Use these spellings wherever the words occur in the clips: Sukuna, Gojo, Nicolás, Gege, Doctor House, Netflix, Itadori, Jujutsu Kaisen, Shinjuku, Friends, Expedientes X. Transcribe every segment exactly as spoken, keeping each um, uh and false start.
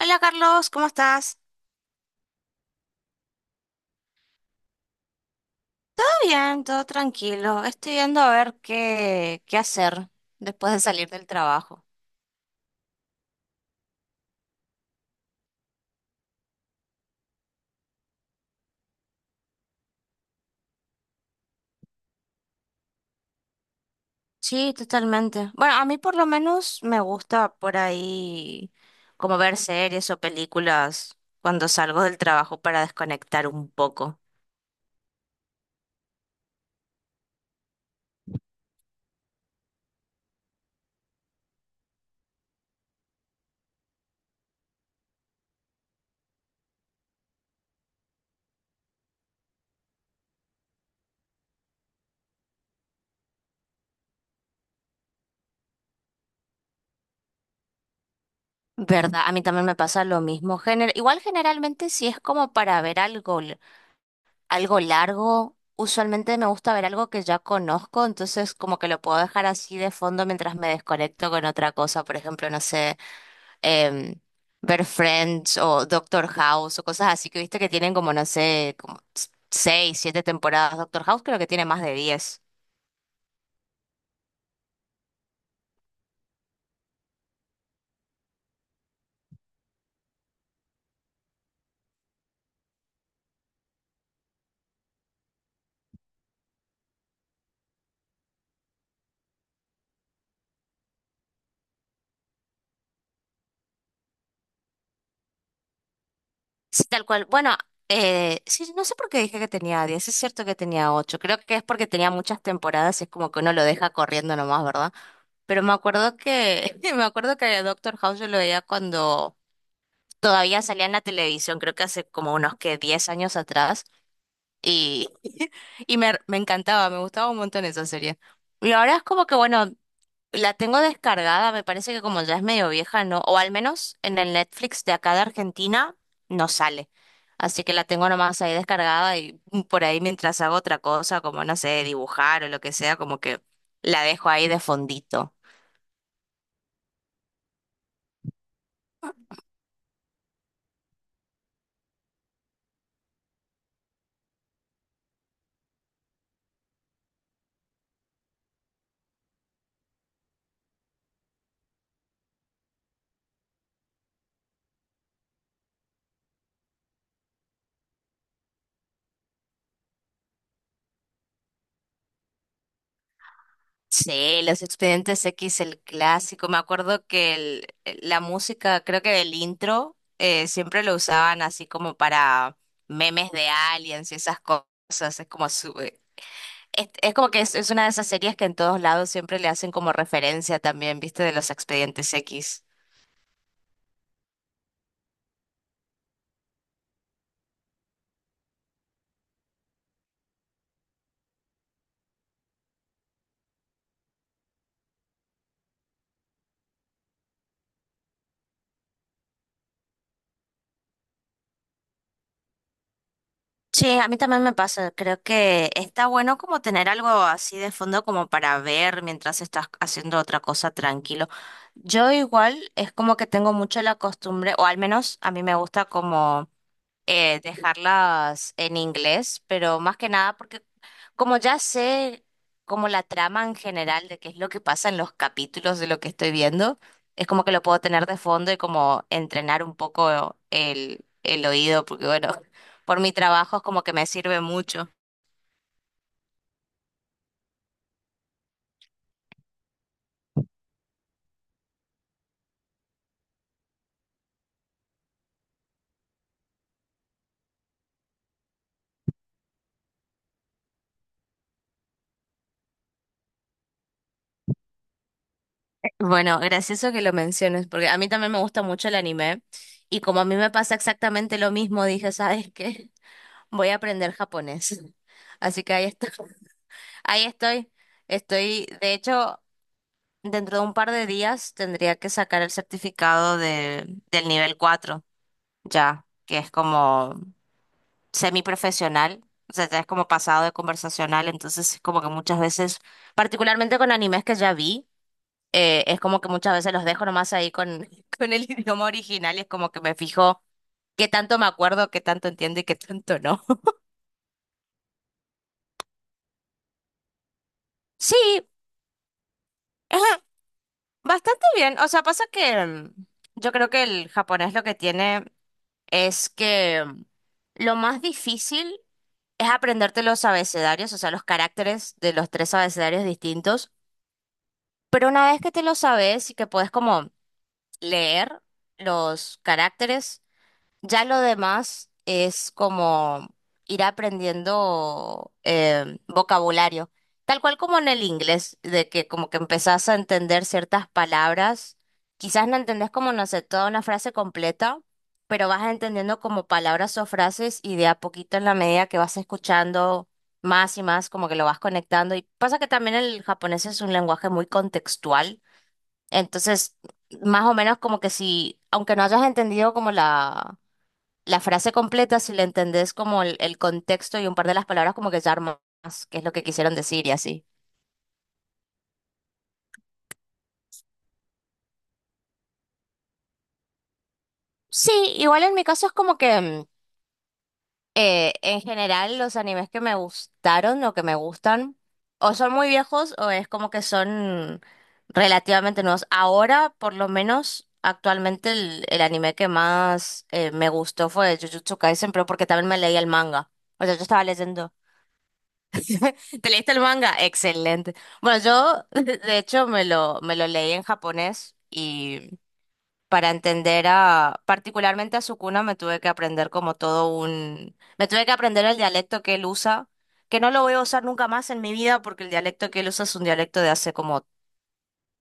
Hola Carlos, ¿cómo estás? Todo bien, todo tranquilo. Estoy viendo a ver qué, qué hacer después de salir del trabajo. Sí, totalmente. Bueno, a mí por lo menos me gusta por ahí como ver series o películas cuando salgo del trabajo para desconectar un poco. ¿Verdad? A mí también me pasa lo mismo. Gener- Igual generalmente si es como para ver algo. algo largo. Usualmente me gusta ver algo que ya conozco, entonces como que lo puedo dejar así de fondo mientras me desconecto con otra cosa. Por ejemplo, no sé, em, ver Friends o Doctor House o cosas así que viste que tienen como, no sé, como s- seis, siete temporadas. Doctor House creo que tiene más de diez. Sí, tal cual. Bueno, eh, sí, no sé por qué dije que tenía diez. Es cierto que tenía ocho. Creo que es porque tenía muchas temporadas y es como que uno lo deja corriendo nomás, ¿verdad? Pero me acuerdo que, me acuerdo que Doctor House yo lo veía cuando todavía salía en la televisión, creo que hace como unos que diez años atrás, y, y me, me encantaba, me gustaba un montón esa serie. Y ahora es como que, bueno, la tengo descargada, me parece que como ya es medio vieja, ¿no? O al menos en el Netflix de acá de Argentina no sale. Así que la tengo nomás ahí descargada y por ahí mientras hago otra cosa, como no sé, dibujar o lo que sea, como que la dejo ahí de fondito. Sí, los Expedientes X, el clásico. Me acuerdo que el- la música, creo que del intro, eh, siempre lo usaban así como para memes de aliens y esas cosas. Es como su- eh, es, es como que es, es una de esas series que en todos lados siempre le hacen como referencia también, ¿viste? De los Expedientes X. Sí, a mí también me pasa. Creo que está bueno como tener algo así de fondo como para ver mientras estás haciendo otra cosa tranquilo. Yo igual es como que tengo mucho la costumbre, o al menos a mí me gusta como eh, dejarlas en inglés, pero más que nada porque como ya sé como la trama en general de qué es lo que pasa en los capítulos de lo que estoy viendo, es como que lo puedo tener de fondo y como entrenar un poco el, el oído, porque bueno, por mi trabajo es como que me sirve mucho. Bueno, gracioso que lo menciones, porque a mí también me gusta mucho el anime y como a mí me pasa exactamente lo mismo, dije, ¿sabes qué? Voy a aprender japonés. Así que ahí estoy. Ahí estoy. Estoy, de hecho, dentro de un par de días tendría que sacar el certificado de, del nivel cuatro ya, que es como semiprofesional. O sea, ya es como pasado de conversacional. Entonces, es como que muchas veces, particularmente con animes que ya vi, eh, es como que muchas veces los dejo nomás ahí con, con el idioma original y es como que me fijo qué tanto me acuerdo, qué tanto entiendo y qué tanto no. Sí. Bastante bien, o sea, pasa que mm, yo creo que el japonés lo que tiene es que mm, lo más difícil es aprenderte los abecedarios, o sea, los caracteres de los tres abecedarios distintos, pero una vez que te lo sabes y que puedes como leer los caracteres, ya lo demás es como ir aprendiendo eh, vocabulario, tal cual como en el inglés, de que como que empezás a entender ciertas palabras, quizás no entendés como, no sé, toda una frase completa, pero vas entendiendo como palabras o frases y de a poquito en la medida que vas escuchando más y más, como que lo vas conectando. Y pasa que también el japonés es un lenguaje muy contextual, entonces más o menos como que si, aunque no hayas entendido como la la frase completa, si la entendés como el, el contexto y un par de las palabras, como que ya armas qué es lo que quisieron decir y así. Sí, igual en mi caso es como que mm, eh, en general los animes que me gustaron o que me gustan o son muy viejos o es como que son relativamente nuevos. Ahora, por lo menos, actualmente el, el anime que más eh, me gustó fue Jujutsu Kaisen, pero porque también me leí el manga. O sea, yo estaba leyendo. ¿Te leíste el manga? Excelente. Bueno, yo de hecho me lo, me lo leí en japonés y para entender a, particularmente a Sukuna me tuve que aprender como todo un, me tuve que aprender el dialecto que él usa, que no lo voy a usar nunca más en mi vida porque el dialecto que él usa es un dialecto de hace como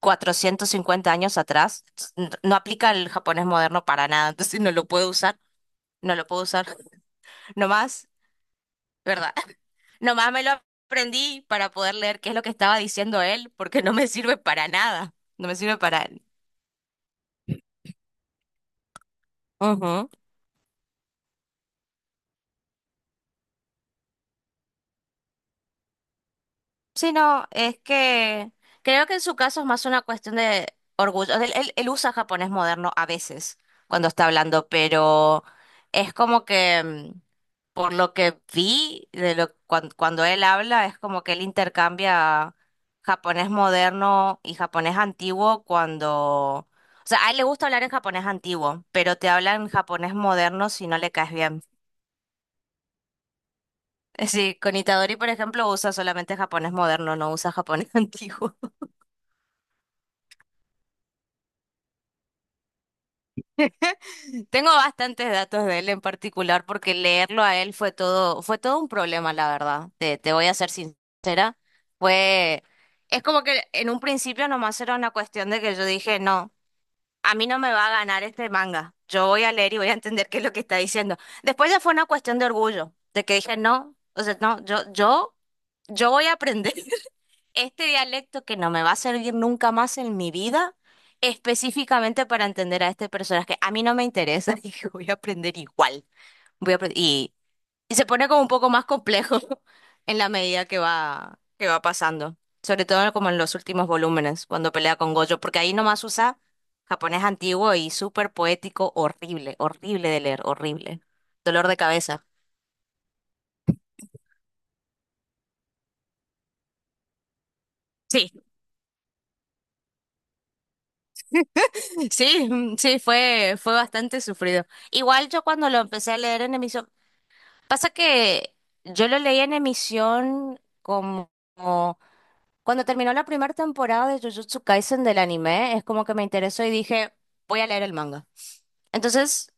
cuatrocientos cincuenta años atrás. N- No aplica el japonés moderno para nada, entonces no lo puedo usar, no lo puedo usar nomás, ¿verdad? Nomás me lo aprendí para poder leer qué es lo que estaba diciendo él, porque no me sirve para nada. No me sirve para... Ujú. Sí, no, es que creo que en su caso es más una cuestión de orgullo. Él, él- él usa japonés moderno a veces cuando está hablando, pero es como que mm, por lo que vi de lo cuan- cuando él habla, es como que él intercambia japonés moderno y japonés antiguo cuando, o sea, a él le gusta hablar en japonés antiguo, pero te habla en japonés moderno si no le caes bien. Sí, con Itadori, por ejemplo, usa solamente japonés moderno, no usa japonés antiguo. Tengo bastantes datos de él en particular porque leerlo a él fue todo, fue todo un problema, la verdad. Te, te voy a ser sincera. Fue, es como que en un principio nomás era una cuestión de que yo dije, no, a mí no me va a ganar este manga. Yo voy a leer y voy a entender qué es lo que está diciendo. Después ya fue una cuestión de orgullo, de que dije, no, o sea, no, yo, yo, yo voy a aprender este dialecto que no me va a servir nunca más en mi vida, específicamente para entender a este personaje. A mí no me interesa, dije, voy a aprender igual. Voy a apre- y, y se pone como un poco más complejo en la medida que va, que va pasando. Sobre todo como en los últimos volúmenes, cuando pelea con Gojo, porque ahí nomás usa japonés antiguo y súper poético, horrible, horrible de leer, horrible. Dolor de cabeza. Sí, sí, sí, fue, fue bastante sufrido. Igual yo cuando lo empecé a leer en emisión. Pasa que yo lo leí en emisión como, como cuando terminó la primera temporada de Jujutsu Kaisen del anime, es como que me interesó y dije, voy a leer el manga. Entonces,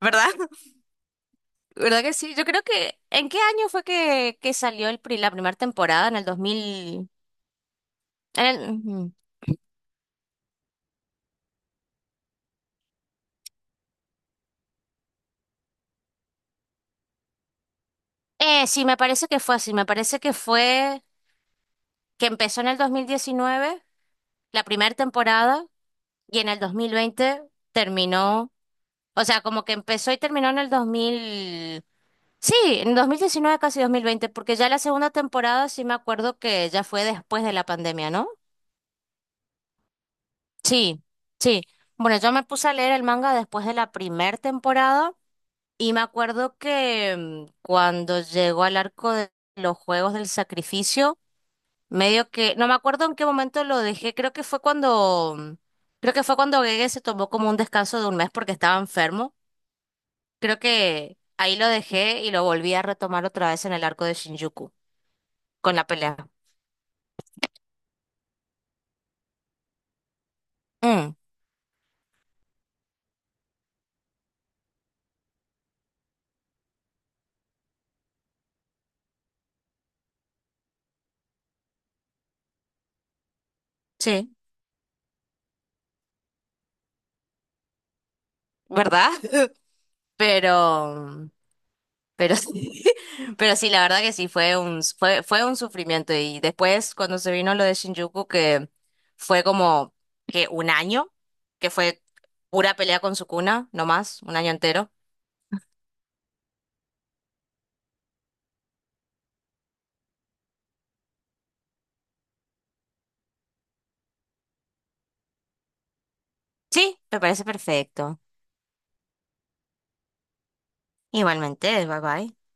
¿verdad? ¿Verdad que sí? Yo creo que, ¿en qué año fue que, que salió el, pri- la primera temporada? En el dos mil... en el- ujú. Eh, sí, me parece que fue así, me parece que fue que empezó en el dos mil diecinueve la primera temporada, y en el dos mil veinte terminó. O sea, como que empezó y terminó en el dos mil. Sí, en dos mil diecinueve casi dos mil veinte, porque ya la segunda temporada sí me acuerdo que ya fue después de la pandemia, ¿no? Sí, sí. Bueno, yo me puse a leer el manga después de la primera temporada y me acuerdo que mm, cuando llegó al arco de los Juegos del Sacrificio, medio que, no me acuerdo en qué momento lo dejé, creo que fue cuando, mm, creo que fue cuando Gege se tomó como un descanso de un mes porque estaba enfermo. Creo que ahí lo dejé y lo volví a retomar otra vez en el arco de Shinjuku, con la pelea. Mm, sí, ¿verdad? Pero, pero sí, pero sí, la verdad que sí, fue un, fue, fue un sufrimiento. Y después, cuando se vino lo de Shinjuku, que fue como que un año, que fue pura pelea con Sukuna, no más, un año entero. Sí, me parece perfecto. Igualmente, bye bye.